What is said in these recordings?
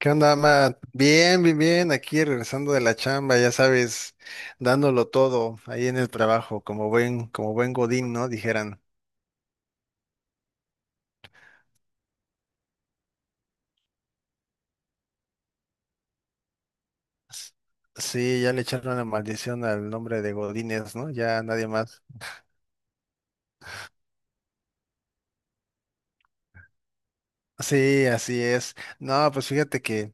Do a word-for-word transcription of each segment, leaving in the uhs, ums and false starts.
¿Qué onda, Matt? Bien, bien, bien, aquí regresando de la chamba, ya sabes, dándolo todo ahí en el trabajo, como buen, como buen Godín, ¿no? Dijeran. Sí, ya le echaron la maldición al nombre de Godínez, ¿no? Ya nadie más. Sí, así es. No, pues fíjate que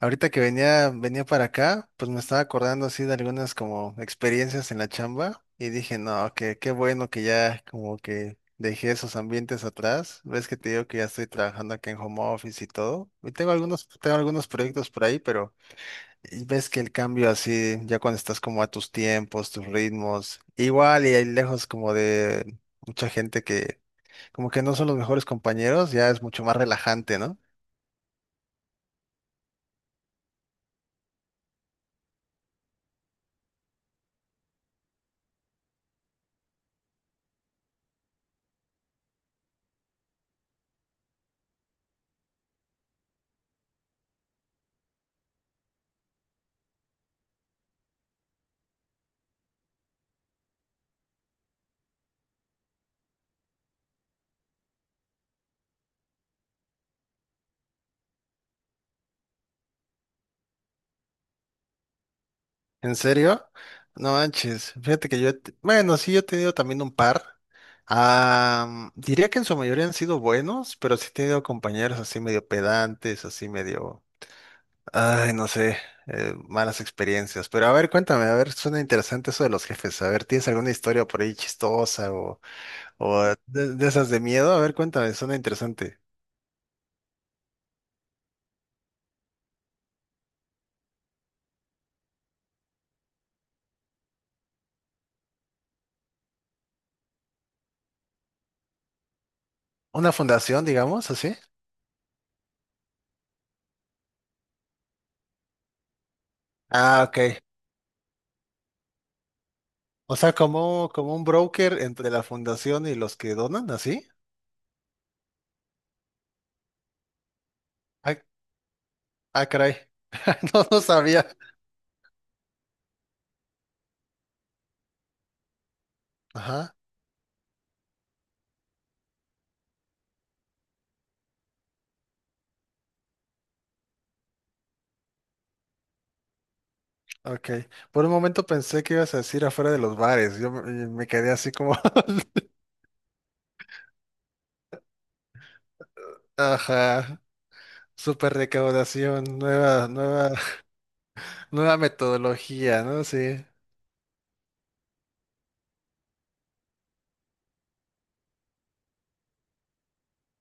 ahorita que venía, venía para acá, pues me estaba acordando así de algunas como experiencias en la chamba y dije, no, que qué bueno que ya como que dejé esos ambientes atrás. Ves que te digo que ya estoy trabajando aquí en home office y todo. Y tengo algunos, tengo algunos proyectos por ahí, pero ves que el cambio así, ya cuando estás como a tus tiempos, tus ritmos, igual y ahí lejos como de mucha gente que como que no son los mejores compañeros, ya es mucho más relajante, ¿no? ¿En serio? No manches. Fíjate que yo, he te- bueno, sí, yo he tenido también un par. Ah, mm, Diría que en su mayoría han sido buenos, pero sí he tenido compañeros así medio pedantes, así medio, ay, no sé, eh, malas experiencias. Pero a ver, cuéntame, a ver, suena interesante eso de los jefes. A ver, ¿tienes alguna historia por ahí chistosa o, o de, de esas de miedo? A ver, cuéntame, suena interesante. ¿Una fundación, digamos, así? Ah, ok. O sea, como, como un broker entre la fundación y los que donan, ¿así? Ah, Ah, caray. No, no sabía. Ajá, ok. Por un momento pensé que ibas a decir afuera de los bares. Yo me, me quedé así como, ajá, super recaudación, nueva, nueva, nueva metodología, ¿no? Sí.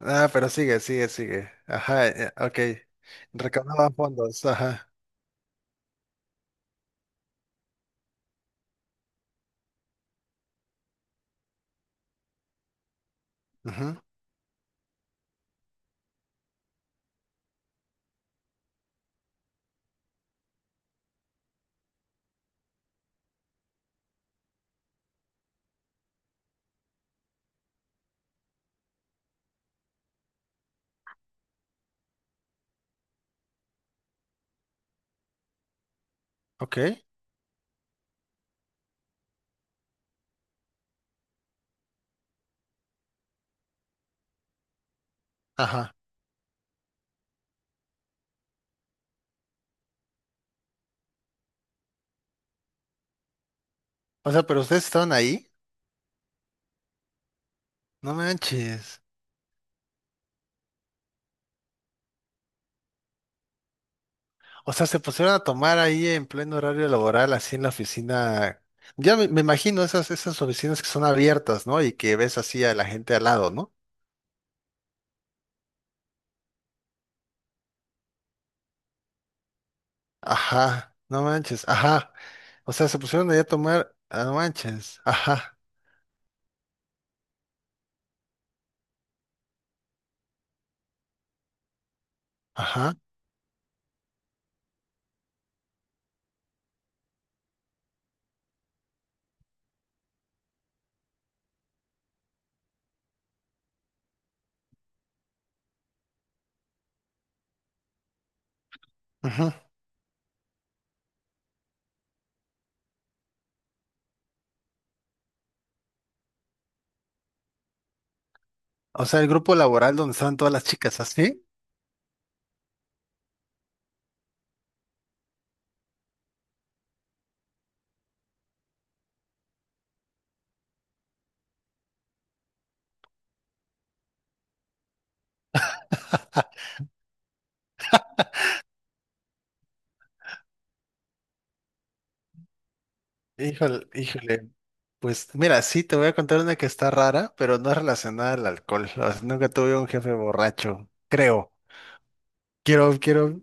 Ah, pero sigue, sigue, sigue. Ajá, eh, ok. Recaudaban fondos, ajá. Ujú, ok, ajá. O sea, pero ustedes estaban ahí. No manches. O sea, se pusieron a tomar ahí en pleno horario laboral, así en la oficina. Ya me, me imagino esas, esas oficinas que son abiertas, ¿no? Y que ves así a la gente al lado, ¿no? Ajá, no manches, ajá. O sea, se pusieron ahí a tomar, ah, no manches, ajá, ajá, ujú. O sea, el grupo laboral donde estaban todas las chicas, ¿así? Híjole, híjole. Pues mira, sí, te voy a contar una que está rara, pero no es relacionada al alcohol. O sea, nunca tuve un jefe borracho, creo. Quiero, quiero,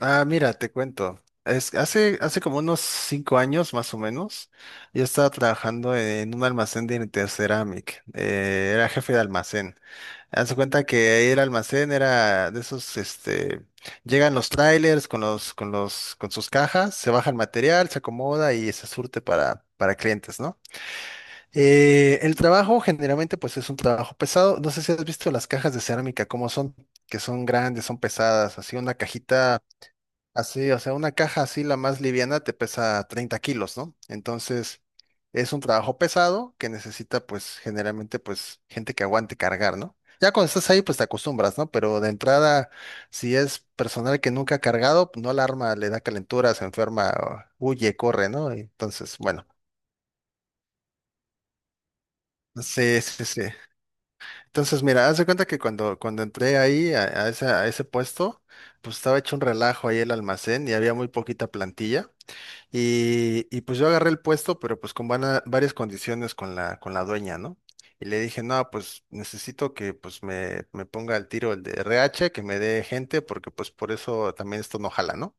Ah, mira, te cuento. Es, hace, hace como unos cinco años más o menos, yo estaba trabajando en un almacén de Interceramic. Eh, era jefe de almacén. Haz de cuenta que ahí el almacén era de esos, este, llegan los trailers con los, con los, con sus cajas, se baja el material, se acomoda y se surte para, para clientes, ¿no? Eh, el trabajo generalmente pues es un trabajo pesado. No sé si has visto las cajas de cerámica, cómo son, que son grandes, son pesadas, así una cajita. Así, o sea, una caja así, la más liviana, te pesa treinta kilos, ¿no? Entonces, es un trabajo pesado que necesita, pues, generalmente, pues, gente que aguante cargar, ¿no? Ya cuando estás ahí, pues, te acostumbras, ¿no? Pero de entrada, si es personal que nunca ha cargado, pues, no la arma, le da calentura, se enferma, o huye, corre, ¿no? Entonces, bueno. Sí, sí, sí. Entonces, mira, haz de cuenta que cuando, cuando entré ahí a, a ese, a ese puesto, pues estaba hecho un relajo ahí el almacén y había muy poquita plantilla. Y, y pues yo agarré el puesto, pero pues con vana- varias condiciones con la, con la dueña, ¿no? Y le dije, no, pues necesito que pues me, me ponga al tiro el de R H, que me dé gente, porque pues por eso también esto no jala, ¿no?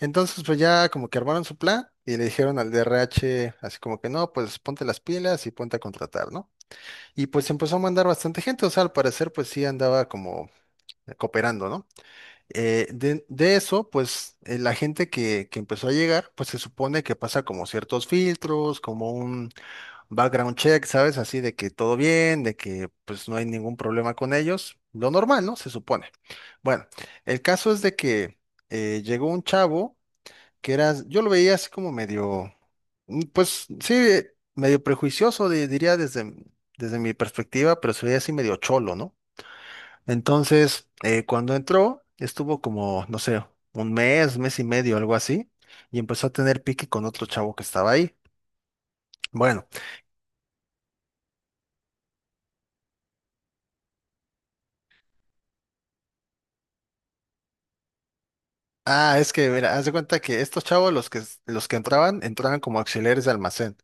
Entonces pues ya como que armaron su plan y le dijeron al de R H así como que no, pues ponte las pilas y ponte a contratar, ¿no? Y pues empezó a mandar bastante gente, o sea, al parecer pues sí andaba como cooperando, ¿no? Eh, de, de eso, pues eh, la gente que, que empezó a llegar, pues se supone que pasa como ciertos filtros, como un background check, ¿sabes? Así de que todo bien, de que pues no hay ningún problema con ellos. Lo normal, ¿no? Se supone. Bueno, el caso es de que eh, llegó un chavo que era, yo lo veía así como medio, mm, pues sí, medio prejuicioso, di- diría desde, desde mi perspectiva, pero se veía así medio cholo, ¿no? Entonces, eh, cuando entró, estuvo como, no sé, un mes, mes y medio, algo así, y empezó a tener pique con otro chavo que estaba ahí. Bueno, ah, es que, mira, haz de cuenta que estos chavos, los que, los que entraban, entraban como auxiliares de almacén,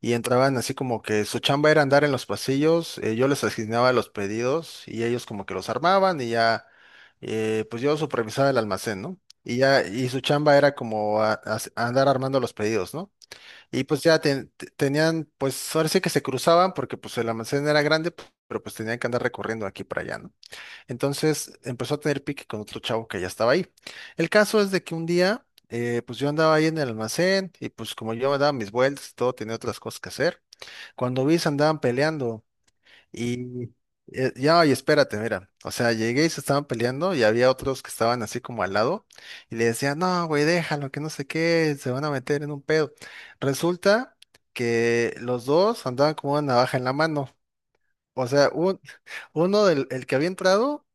y entraban así como que su chamba era andar en los pasillos, eh, yo les asignaba los pedidos, y ellos como que los armaban, y ya, eh, pues yo supervisaba el almacén, ¿no? Y ya, y su chamba era como a- a- andar armando los pedidos, ¿no? Y pues ya ten- te- tenían, pues ahora sí que se cruzaban porque pues el almacén era grande, p- pero pues tenían que andar recorriendo aquí para allá, ¿no? Entonces empezó a tener pique con otro chavo que ya estaba ahí. El caso es de que un día, eh, pues yo andaba ahí en el almacén y pues como yo me daba mis vueltas y todo, tenía otras cosas que hacer. Cuando vi, se andaban peleando. Y eh, ya, y espérate, mira, o sea, llegué y se estaban peleando y había otros que estaban así como al lado y le decían, no, güey, déjalo, que no sé qué, se van a meter en un pedo. Resulta que los dos andaban como una navaja en la mano, o sea, un- uno del el que había entrado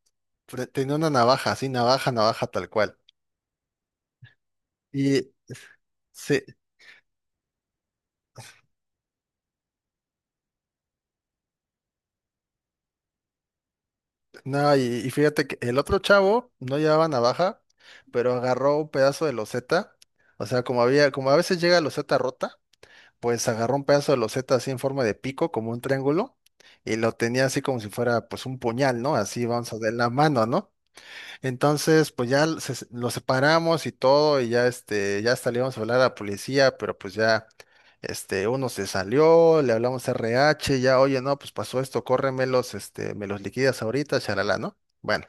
pre- tenía una navaja, así, navaja, navaja tal cual. Y, se, no, y, y fíjate que el otro chavo no llevaba navaja, pero agarró un pedazo de loseta, o sea, como había, como a veces llega loseta rota. Pues agarró un pedazo de loseta así en forma de pico, como un triángulo, y lo tenía así como si fuera pues un puñal, ¿no? Así vamos a ver la mano, ¿no? Entonces, pues ya se- lo separamos y todo, y ya este, ya hasta le íbamos a hablar a la policía, pero pues ya, este, uno se salió, le hablamos a R H, ya, oye, no, pues pasó esto, córremelos, este, me los liquidas ahorita, charalá, ¿no? Bueno.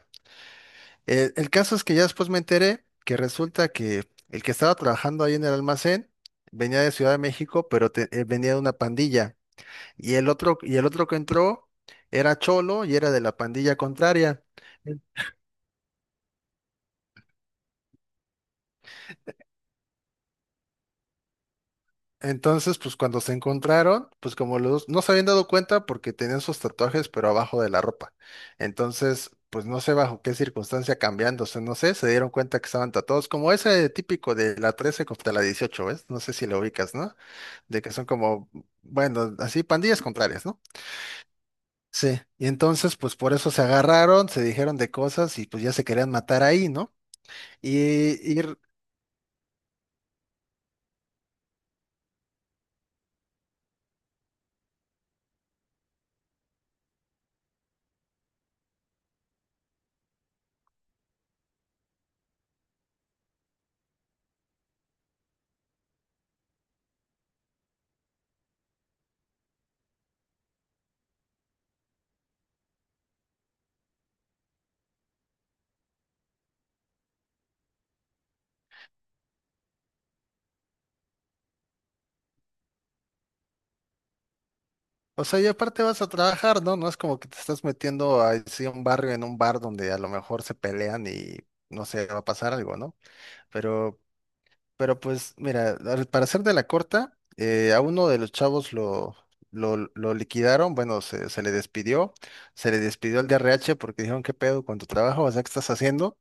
Eh, el caso es que ya después me enteré que resulta que el que estaba trabajando ahí en el almacén venía de Ciudad de México, pero te- eh, venía de una pandilla. Y el otro, y el otro que entró era cholo y era de la pandilla contraria. En- Entonces, pues cuando se encontraron, pues como los dos no se habían dado cuenta porque tenían sus tatuajes, pero abajo de la ropa. Entonces, pues no sé bajo qué circunstancia cambiándose, no sé, se dieron cuenta que estaban tatuados, como ese típico de la trece contra la dieciocho, ¿ves? No sé si lo ubicas, ¿no? De que son como, bueno, así pandillas contrarias, ¿no? Sí, y entonces pues por eso se agarraron, se dijeron de cosas y pues ya se querían matar ahí, ¿no? Y, y, o sea, y aparte vas a trabajar, ¿no? No es como que te estás metiendo a así a un barrio en un bar donde a lo mejor se pelean y no sé, va a pasar algo, ¿no? Pero, pero pues mira, al- para hacer de la corta, eh, a uno de los chavos lo, lo, lo liquidaron, bueno, se, se le despidió, se le despidió al D R H porque dijeron, ¿qué pedo con tu trabajo? O sea, ¿qué estás haciendo?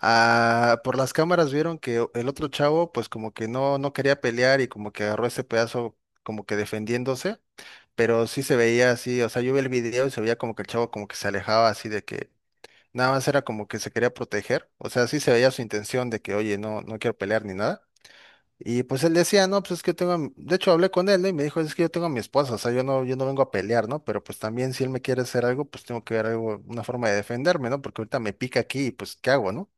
Ah, por las cámaras vieron que el otro chavo, pues como que no, no quería pelear y como que agarró ese pedazo como que defendiéndose, pero sí se veía así, o sea, yo vi el video y se veía como que el chavo como que se alejaba así de que nada más era como que se quería proteger, o sea, sí se veía su intención de que, oye, no, no quiero pelear ni nada. Y pues él decía, no, pues es que yo tengo, a mi-". De hecho hablé con él, ¿no? Y me dijo, es que yo tengo a mi esposa, o sea, yo no, yo no vengo a pelear, ¿no? Pero pues también si él me quiere hacer algo, pues tengo que ver algo, una forma de defenderme, ¿no? Porque ahorita me pica aquí y pues, ¿qué hago, no?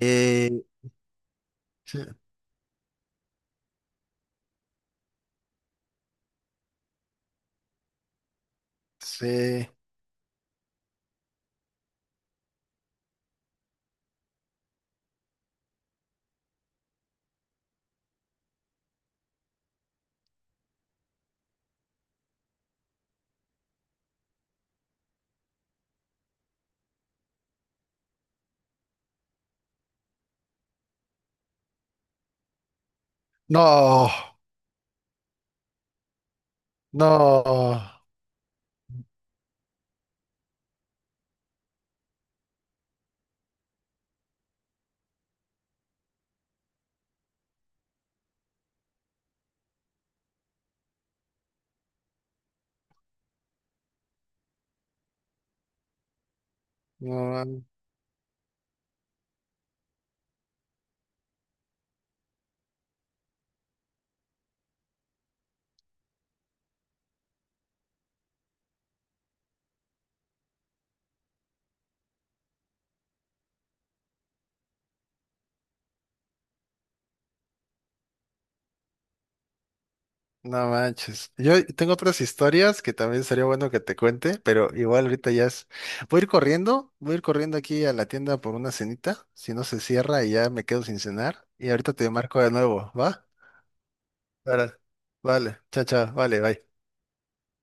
Eh, Sí. No, no, no, no manches. Yo tengo otras historias que también sería bueno que te cuente, pero igual ahorita ya es. Voy a ir corriendo, voy a ir corriendo aquí a la tienda por una cenita, si no se cierra y ya me quedo sin cenar. Y ahorita te marco de nuevo, ¿va? Ahora, vale, chao, chao, vale, bye.